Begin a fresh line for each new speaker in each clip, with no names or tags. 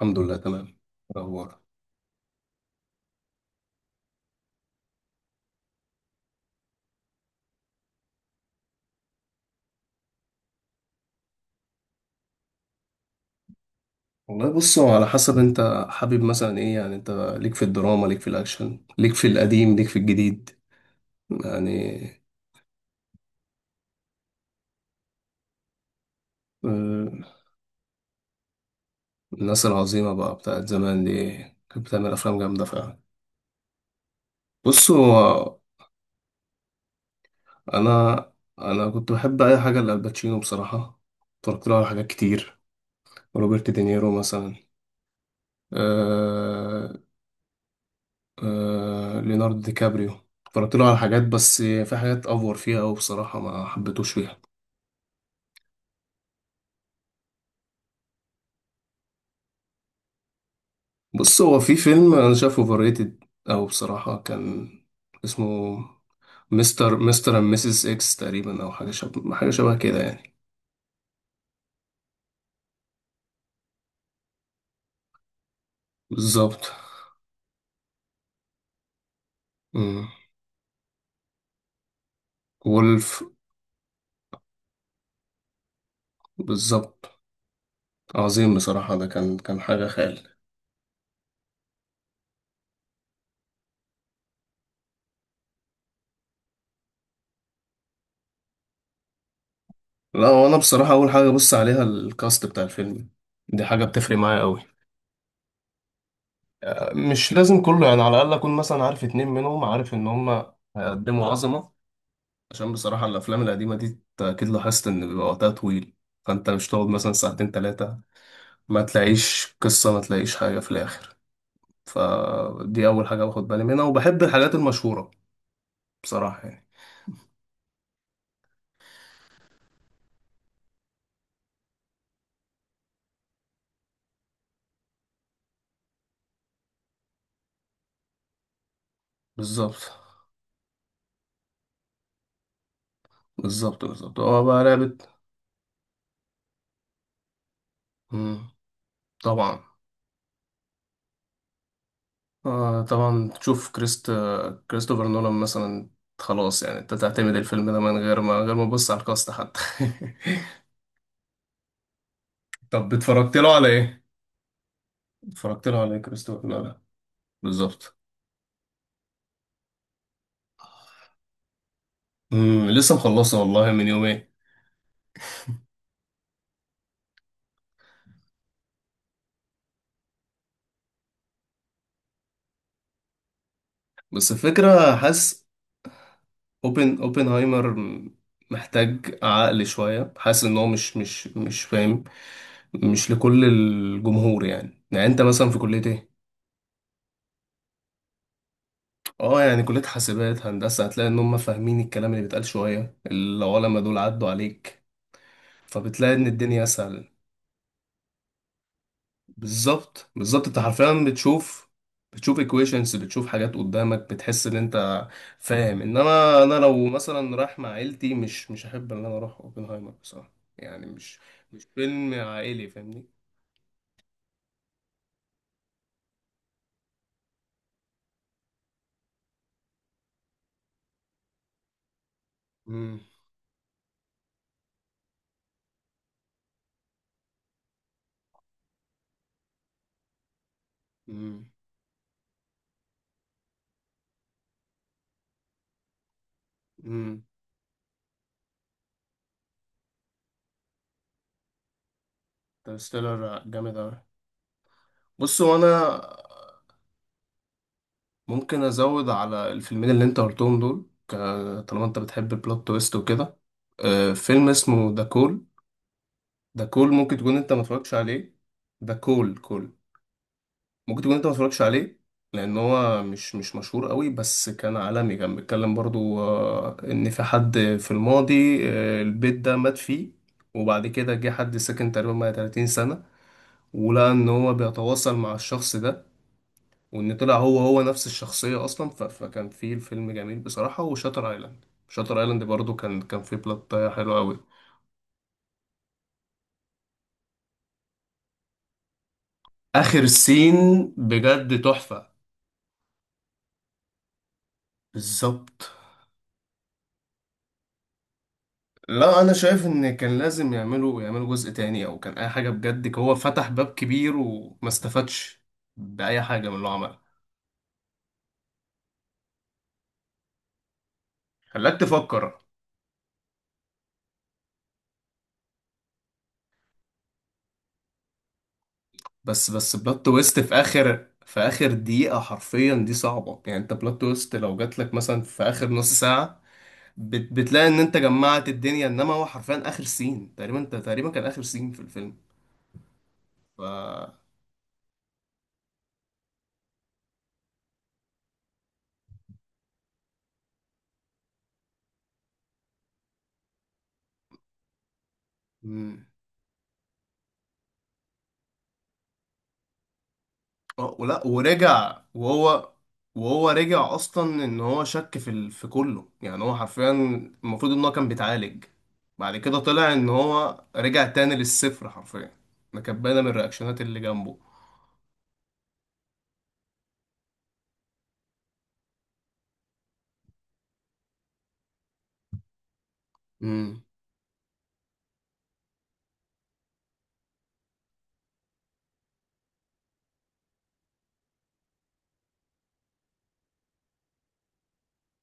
الحمد لله تمام. إيه الاخبار؟ والله بص هو على حسب انت حابب مثلا ايه، يعني انت ليك في الدراما، ليك في الاكشن، ليك في القديم، ليك في الجديد يعني. آه، الناس العظيمة بقى بتاعت زمان دي كانت بتعمل افلام جامدة فعلا. بص هو انا انا كنت بحب اي حاجة لالباتشينو بصراحة. اتفرجت له على حاجات كتير. روبرت دينيرو مثلا. آه. آه، ليوناردو دي كابريو. اتفرجت له على حاجات، بس في حاجات افور فيها أوي بصراحة، ما حبيتوش فيها. بص هو في فيلم انا شايفه اوفر ريتد او بصراحه كان اسمه مستر اند ميسيس اكس تقريبا، او حاجه شبه كده يعني. بالظبط. امم. وولف. بالظبط، عظيم بصراحه، ده كان حاجه خيال. لا، وانا بصراحه اول حاجه ابص عليها الكاست بتاع الفيلم. دي حاجه بتفرق معايا قوي. مش لازم كله يعني، على الاقل اكون مثلا عارف اتنين منهم، عارف ان هما هيقدموا عظمه. عشان بصراحة الأفلام القديمة دي أنت أكيد لاحظت إن بيبقى وقتها طويل. فأنت مش تقعد مثلا ساعتين تلاتة ما تلاقيش قصة، ما تلاقيش حاجة في الآخر. فدي أول حاجة باخد بالي منها، وبحب الحاجات المشهورة بصراحة يعني. بالظبط، بالظبط بالظبط، هو بقى لعبة. مم. طبعا. آه طبعا، تشوف كريستوفر نولان مثلا. خلاص يعني أنت تعتمد الفيلم ده من غير ما تبص على الكاست حتى. طب اتفرجت له على إيه؟ اتفرجت له على إيه كريستوفر نولان؟ بالظبط. لسه مخلصه والله من يومين. بس الفكرة حاسس اوبنهايمر محتاج عقل شوية. حاسس ان هو مش فاهم. مش لكل الجمهور يعني انت مثلا في كلية ايه؟ اه يعني كلية حاسبات هندسة هتلاقي ان هم فاهمين الكلام اللي بيتقال، شوية العلماء دول عدوا عليك. فبتلاقي ان الدنيا اسهل. بالظبط بالظبط، انت حرفيا بتشوف. بتشوف equations، بتشوف حاجات قدامك، بتحس ان انت فاهم. انما انا لو مثلا رايح مع عيلتي مش هحب ان انا اروح اوبنهايمر بصراحة. يعني مش فيلم عائلي فاهمني. امم. امم. امم. انترستيلر جامد اوي. بص هو انا ممكن ازود على الفيلمين اللي انت قلتهم دول، طالما انت بتحب البلوت تويست وكده. آه، فيلم اسمه ذا كول. ذا كول ممكن تكون انت ما اتفرجتش عليه. ده كول كول، ممكن تكون انت ما اتفرجتش عليه لان هو مش مشهور قوي، بس كان عالمي. كان بيتكلم برضو آه، ان في حد في الماضي، آه، البيت ده مات فيه. وبعد كده جه حد ساكن تقريبا بقى 30 سنة، ولقى ان هو بيتواصل مع الشخص ده، وان طلع هو هو نفس الشخصية اصلا. فكان في الفيلم جميل بصراحة. وشاتر ايلاند، شاتر ايلاند برضو كان فيه بلوت حلو قوي. اخر سين بجد تحفة. بالظبط. لا، انا شايف ان كان لازم يعملوا جزء تاني او كان اي حاجه بجد. هو فتح باب كبير وما استفادش باي حاجه من اللي هو عملها. خلاك تفكر. بس بلوت تويست في اخر دقيقه حرفيا دي صعبه. يعني انت بلوت تويست لو جات لك مثلا في اخر نص ساعه، بتلاقي ان انت جمعت الدنيا. انما هو حرفيا اخر سين تقريبا، انت تقريبا كان اخر سين في الفيلم. ف مم. اه، ولا ورجع وهو رجع اصلا ان هو شك في كله يعني. هو حرفيا المفروض ان هو كان بيتعالج. بعد كده طلع ان هو رجع تاني للصفر حرفيا. ده كانت باينه من الرياكشنات اللي جنبه. امم.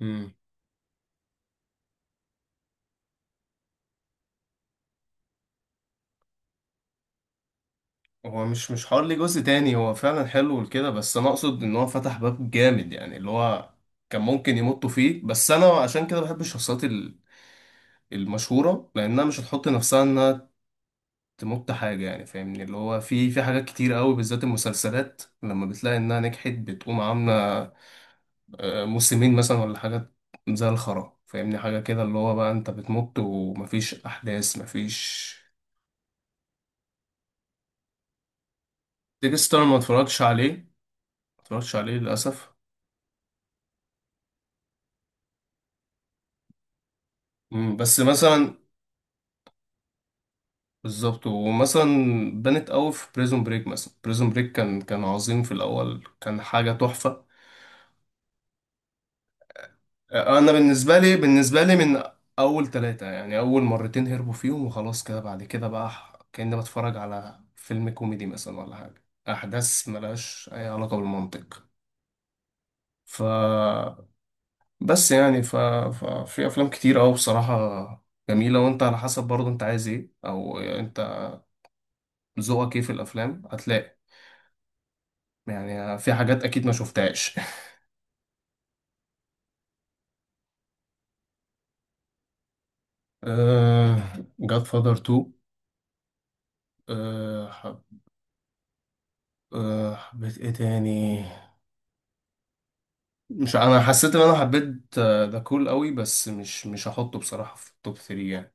امم. هو مش حوار ليه جزء تاني، هو فعلا حلو لكده. بس انا اقصد ان هو فتح باب جامد يعني اللي هو كان ممكن يمطوا فيه. بس انا عشان كده بحب الشخصيات المشهوره، لانها مش هتحط نفسها انها تمط حاجة يعني. فاهمني اللي هو في حاجات كتير قوي بالذات المسلسلات، لما بتلاقي إنها نجحت بتقوم عاملة آه، موسمين مثلا ولا حاجات زي الخرا. فاهمني حاجة كده اللي هو بقى أنت بتمط ومفيش أحداث، مفيش. ديكستر ما اتفرجتش عليه للأسف. مم، بس مثلا بالظبط. ومثلا بنت قوي في بريزون بريك مثلا. بريزون بريك كان عظيم في الأول، كان حاجة تحفة. آه، انا بالنسبه لي من اول ثلاثه يعني اول مرتين هربوا فيهم وخلاص كده. بعد كده بقى كاني بتفرج على فيلم كوميدي مثلا ولا حاجه، احداث ملهاش اي علاقه بالمنطق. ف بس يعني ففي افلام كتير قوي بصراحه جميله. وانت على حسب برضه انت عايز ايه، او انت ذوقك ايه في الافلام، هتلاقي يعني في حاجات اكيد ما شفتهاش. أه... جاد فادر 2. أه... حب... حبيت ايه تاني؟ مش انا حسيت ان انا حبيت ذا كول قوي، بس مش هحطه بصراحة في التوب 3 يعني.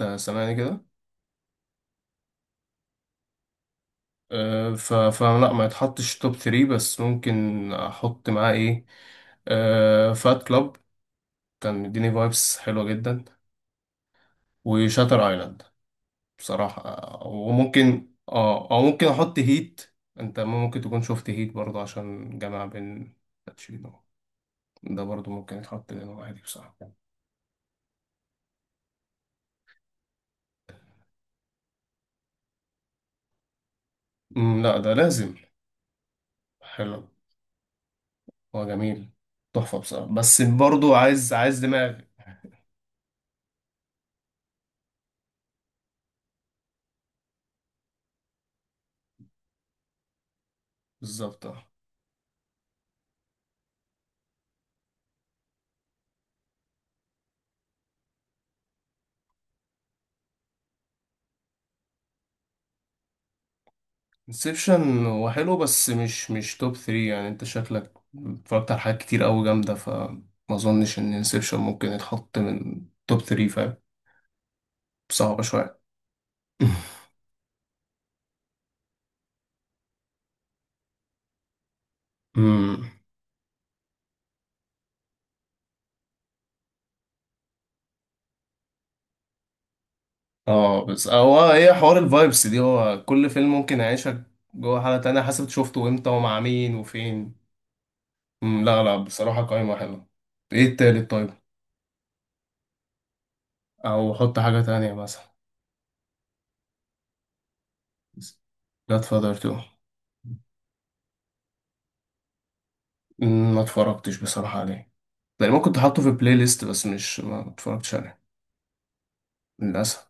انت سامعني كده؟ أه، ف فلا، ما يتحطش توب 3. بس ممكن احط معاه ايه؟ أه، فات كلاب. كان مديني فايبس حلوة جدا. وشاتر ايلاند بصراحة. وممكن او ممكن احط هيت. انت ممكن تكون شفت هيت برضه، عشان جمع بين باتشينو. ده برضه ممكن يتحط لانه عادي بصراحة. لا ده لازم. حلو. هو جميل. تحفة بصراحة، بس برضو عايز دماغ. بالظبط. اه، انسبشن هو حلو بس مش توب 3 يعني. انت شكلك اتفرجت على حاجات كتير قوي جامدة، فما اظنش ان انسبشن ممكن يتحط من توب 3 فاهم. صعبة شوية. امم. اه، بس هو ايه حوار الفايبس دي؟ هو كل فيلم ممكن يعيشك جوه حالة تانية حسب شفته امتى ومع مين وفين. مم، لا لا، بصراحة قايمة حلوة. ايه التالت طيب؟ او حط حاجة تانية مثلا. جاد فاذر 2. مم، ما اتفرجتش بصراحة عليه. يعني ممكن تحطه في بلاي ليست، بس مش ما اتفرجتش عليه للأسف.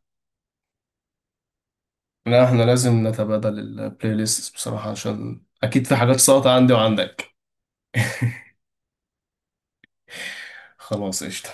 لا، احنا لازم نتبادل البلاي ليست بصراحة، عشان أكيد في حاجات ساقطة عندي وعندك. خلاص قشطة.